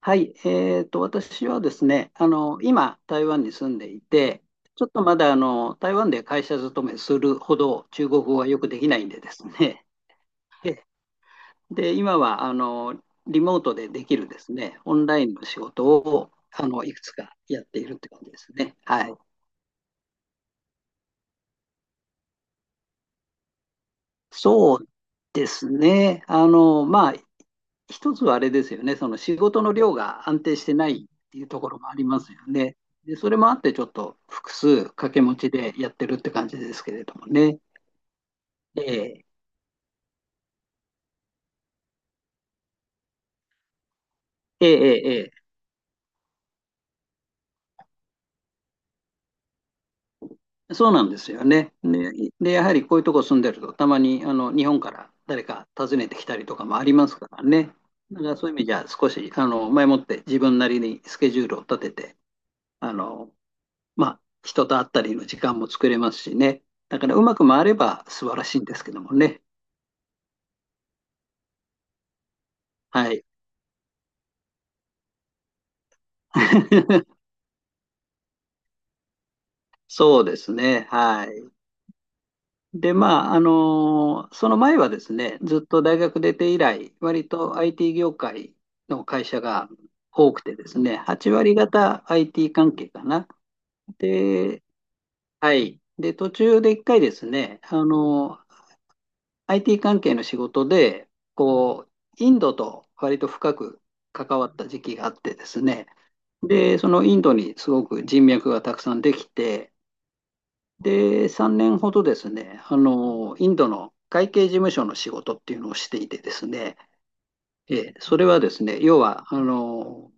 はい、私はですね、今、台湾に住んでいて、ちょっとまだ台湾で会社勤めするほど中国語はよくできないんでですね、で、で今はリモートでできるですね、オンラインの仕事をいくつかやっているって感じですね。はい。そうですね、まあ、一つはあれですよね、その仕事の量が安定してないっていうところもありますよね。で、それもあって、ちょっと複数掛け持ちでやってるって感じですけれどもね。ええ、ええ、ええ、そうなんですよね。でやはりこういうとこ住んでると、たまに日本から誰か訪ねてきたりとかもありますからね。だからそういう意味じゃ、少し前もって自分なりにスケジュールを立てて、あのまあ、人と会ったりの時間も作れますしね。だからうまく回れば素晴らしいんですけどもね。はい。そうですね。はい。で、まあ、その前はですね、ずっと大学出て以来、割と IT 業界の会社が多くてですね、8割方 IT 関係かな。で、はい。で、途中で一回ですね、IT 関係の仕事で、こう、インドと割と深く関わった時期があってですね、で、そのインドにすごく人脈がたくさんできて、で、3年ほどですね、インドの会計事務所の仕事っていうのをしていてですね、それはですね、要は、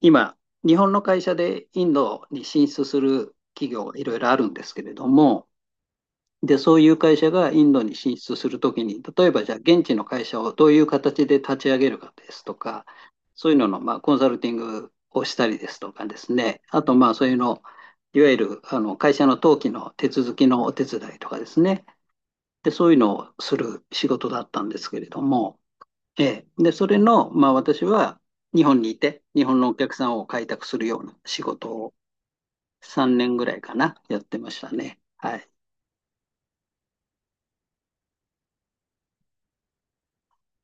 今、日本の会社でインドに進出する企業がいろいろあるんですけれども、で、そういう会社がインドに進出するときに、例えばじゃあ現地の会社をどういう形で立ち上げるかですとか、そういうののまあコンサルティングをしたりですとかですね、あとまあそういうの、いわゆる会社の登記の手続きのお手伝いとかですね、で、そういうのをする仕事だったんですけれども、ええ、で、それの、まあ私は日本にいて、日本のお客さんを開拓するような仕事を3年ぐらいかな、やってましたね。はい。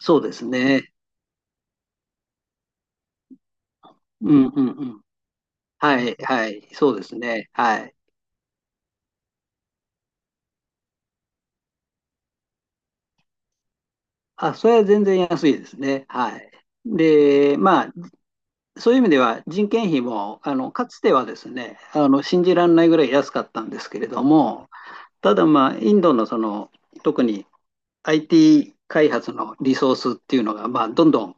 そうですね。うん、うん、うん。はい、はい、そうですね。はい。あ、それは全然安いですね。はい。で、まあ、そういう意味では人件費も、かつてはですね、信じられないぐらい安かったんですけれども、ただまあ、インドのその、特に IT 開発のリソースっていうのが、まあ、どんどん、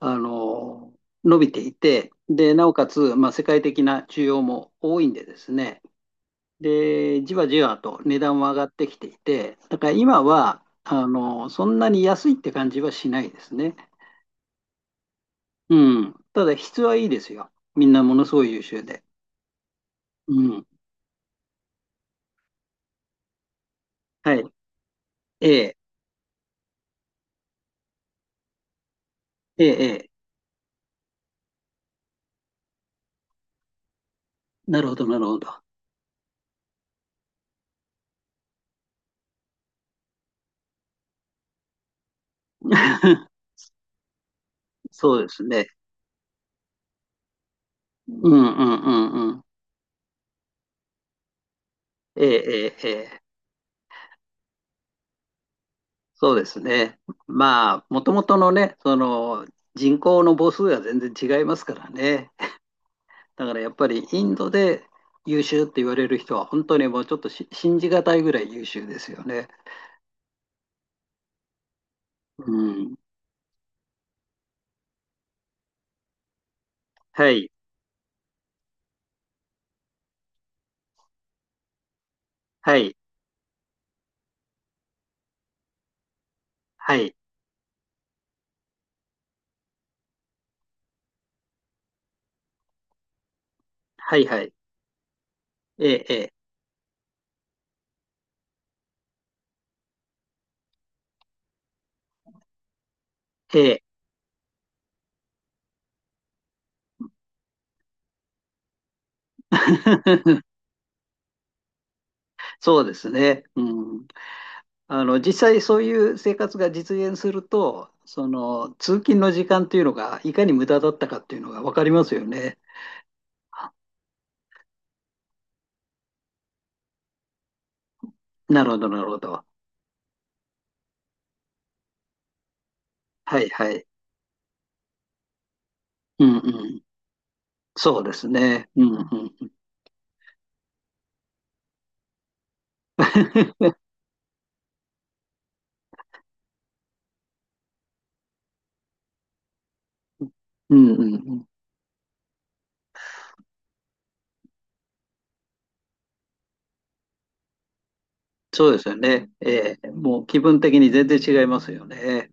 あの、伸びていて、で、なおかつ、まあ、世界的な需要も多いんでですね、で、じわじわと値段は上がってきていて、だから今は、そんなに安いって感じはしないですね。うん。ただ質はいいですよ。みんなものすごい優秀で。うん。はい。ええ、ええ、ええ。なるほど、なるほど。そうですね。うん、うん、うん、うん。ええ、ええ、ええ。そうですね。まあ、もともとのね、その、人口の母数が全然違いますからね。だからやっぱりインドで優秀って言われる人は本当にもうちょっと信じがたいぐらい優秀ですよね。うん。はい。はい。はい。はい。はい。ええ。ええ。ええ そうですね。うん。実際そういう生活が実現すると、その通勤の時間っていうのがいかに無駄だったかっていうのが分かりますよね。なるほど、なるほど。はい、はい。うん、うん。そうですね。うん、うん。うん、うん。そうですよね。もう気分的に全然違いますよね。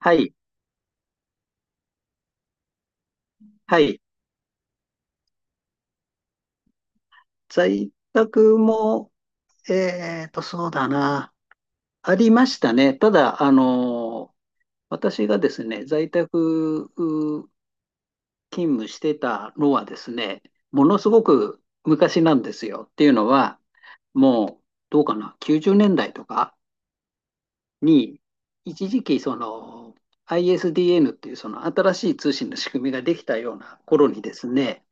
はい。はい。在宅も、そうだな。ありましたね。ただ、私がですね、在宅勤務してたのはですね、ものすごく昔なんですよ。っていうのは、もう、どうかな、90年代とか、に、一時期その ISDN っていうその新しい通信の仕組みができたような頃にですね、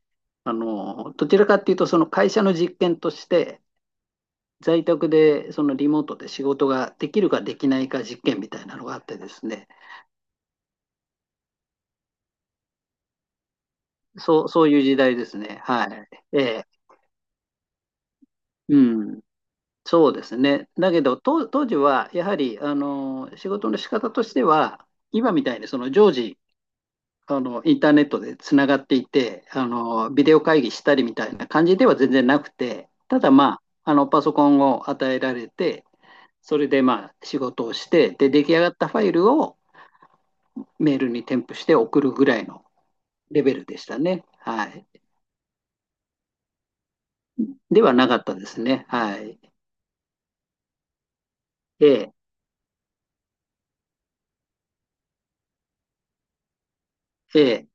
どちらかっていうとその会社の実験として、在宅でそのリモートで仕事ができるかできないか実験みたいなのがあってですね、そう、そういう時代ですね。はい。ええ、うん。そうですね。だけど、当時は、やはり、仕事の仕方としては、今みたいにその常時インターネットでつながっていて、ビデオ会議したりみたいな感じでは全然なくて、ただまあ、パソコンを与えられて、それでまあ、仕事をして、で、出来上がったファイルをメールに添付して送るぐらいのレベルでしたね。はい。ではなかったですね。はい。ええ、ええ、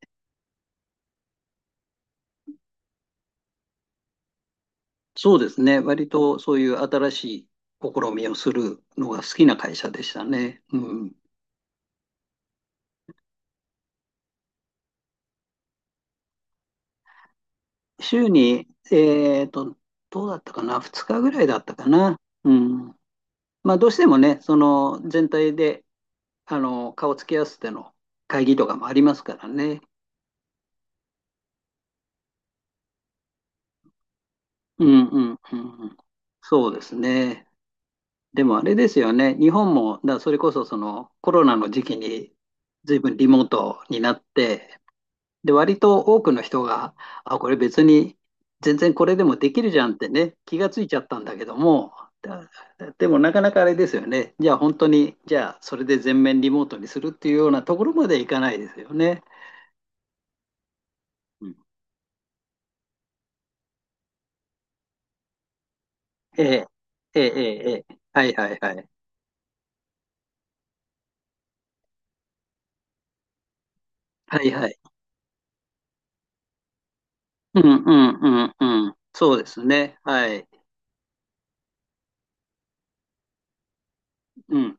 そうですね。割とそういう新しい試みをするのが好きな会社でしたね。うん。週に、どうだったかな、2日ぐらいだったかな。うん。まあ、どうしてもね、その全体で、顔つき合わせての会議とかもありますからね。うん、うん、うん、うん。そうですね。でもあれですよね、日本も、だからそれこそそのコロナの時期に、随分リモートになって、で、割と多くの人が、あ、これ別に全然これでもできるじゃんってね、気がついちゃったんだけども、だでもなかなかあれですよね。じゃあ本当に、じゃあそれで全面リモートにするっていうようなところまでいかないですよね。うん、ええ、ええ、ええ、ええ、はい、はい、はい。はい、はい。うん、うん、うん、うん。そうですね。はい。うん。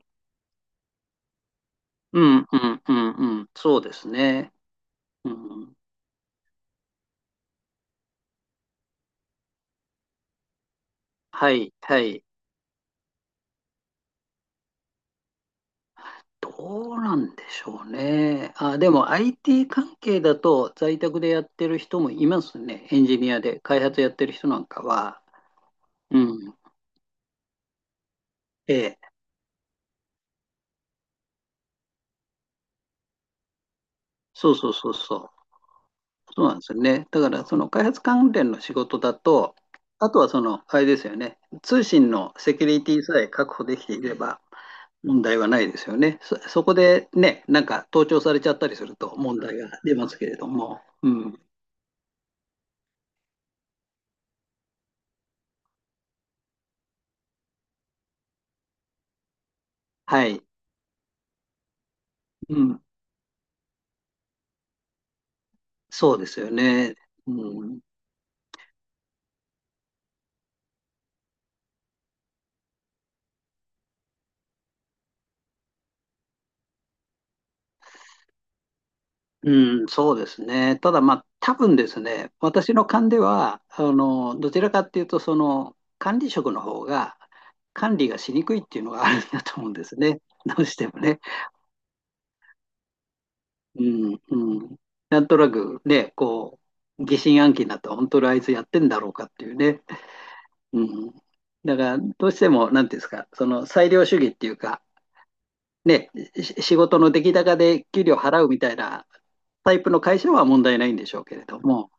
うん、うん、うん、うん。そうですね。うん。はい、はい。どうなんでしょうね。あ、でも IT 関係だと在宅でやってる人もいますね。エンジニアで開発やってる人なんかは。うん。ええ。そう、そう、そう、そう。そうなんですよね。だからその開発関連の仕事だと、あとはその、あれですよね。通信のセキュリティさえ確保できていれば問題はないですよね。そこでね、なんか盗聴されちゃったりすると問題が出ますけれども。うん。はい。うん。そうですよね。うん、うん、そうですね。ただ、まあ、多分ですね、私の勘では、どちらかっていうと、その、管理職の方が、管理がしにくいっていうのがあるんだと思うんですね。どうしてもね。うん、うん。なんとなくね、こう、疑心暗鬼になって、本当にあいつやってんだろうかっていうね。うん。だから、どうしても、なんていうんですか、その、裁量主義っていうか、ね、仕事の出来高で給料払うみたいなタイプの会社は問題ないんでしょうけれども、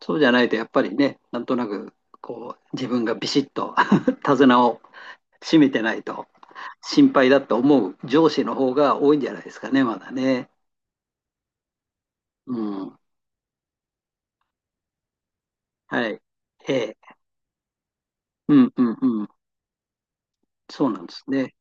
そうじゃないと、やっぱりね、なんとなく、こう、自分がビシッと 手綱を締めてないと、心配だと思う上司の方が多いんじゃないですかね、まだね。うん。はい。ええ。うん、うん、うん。そうなんですね。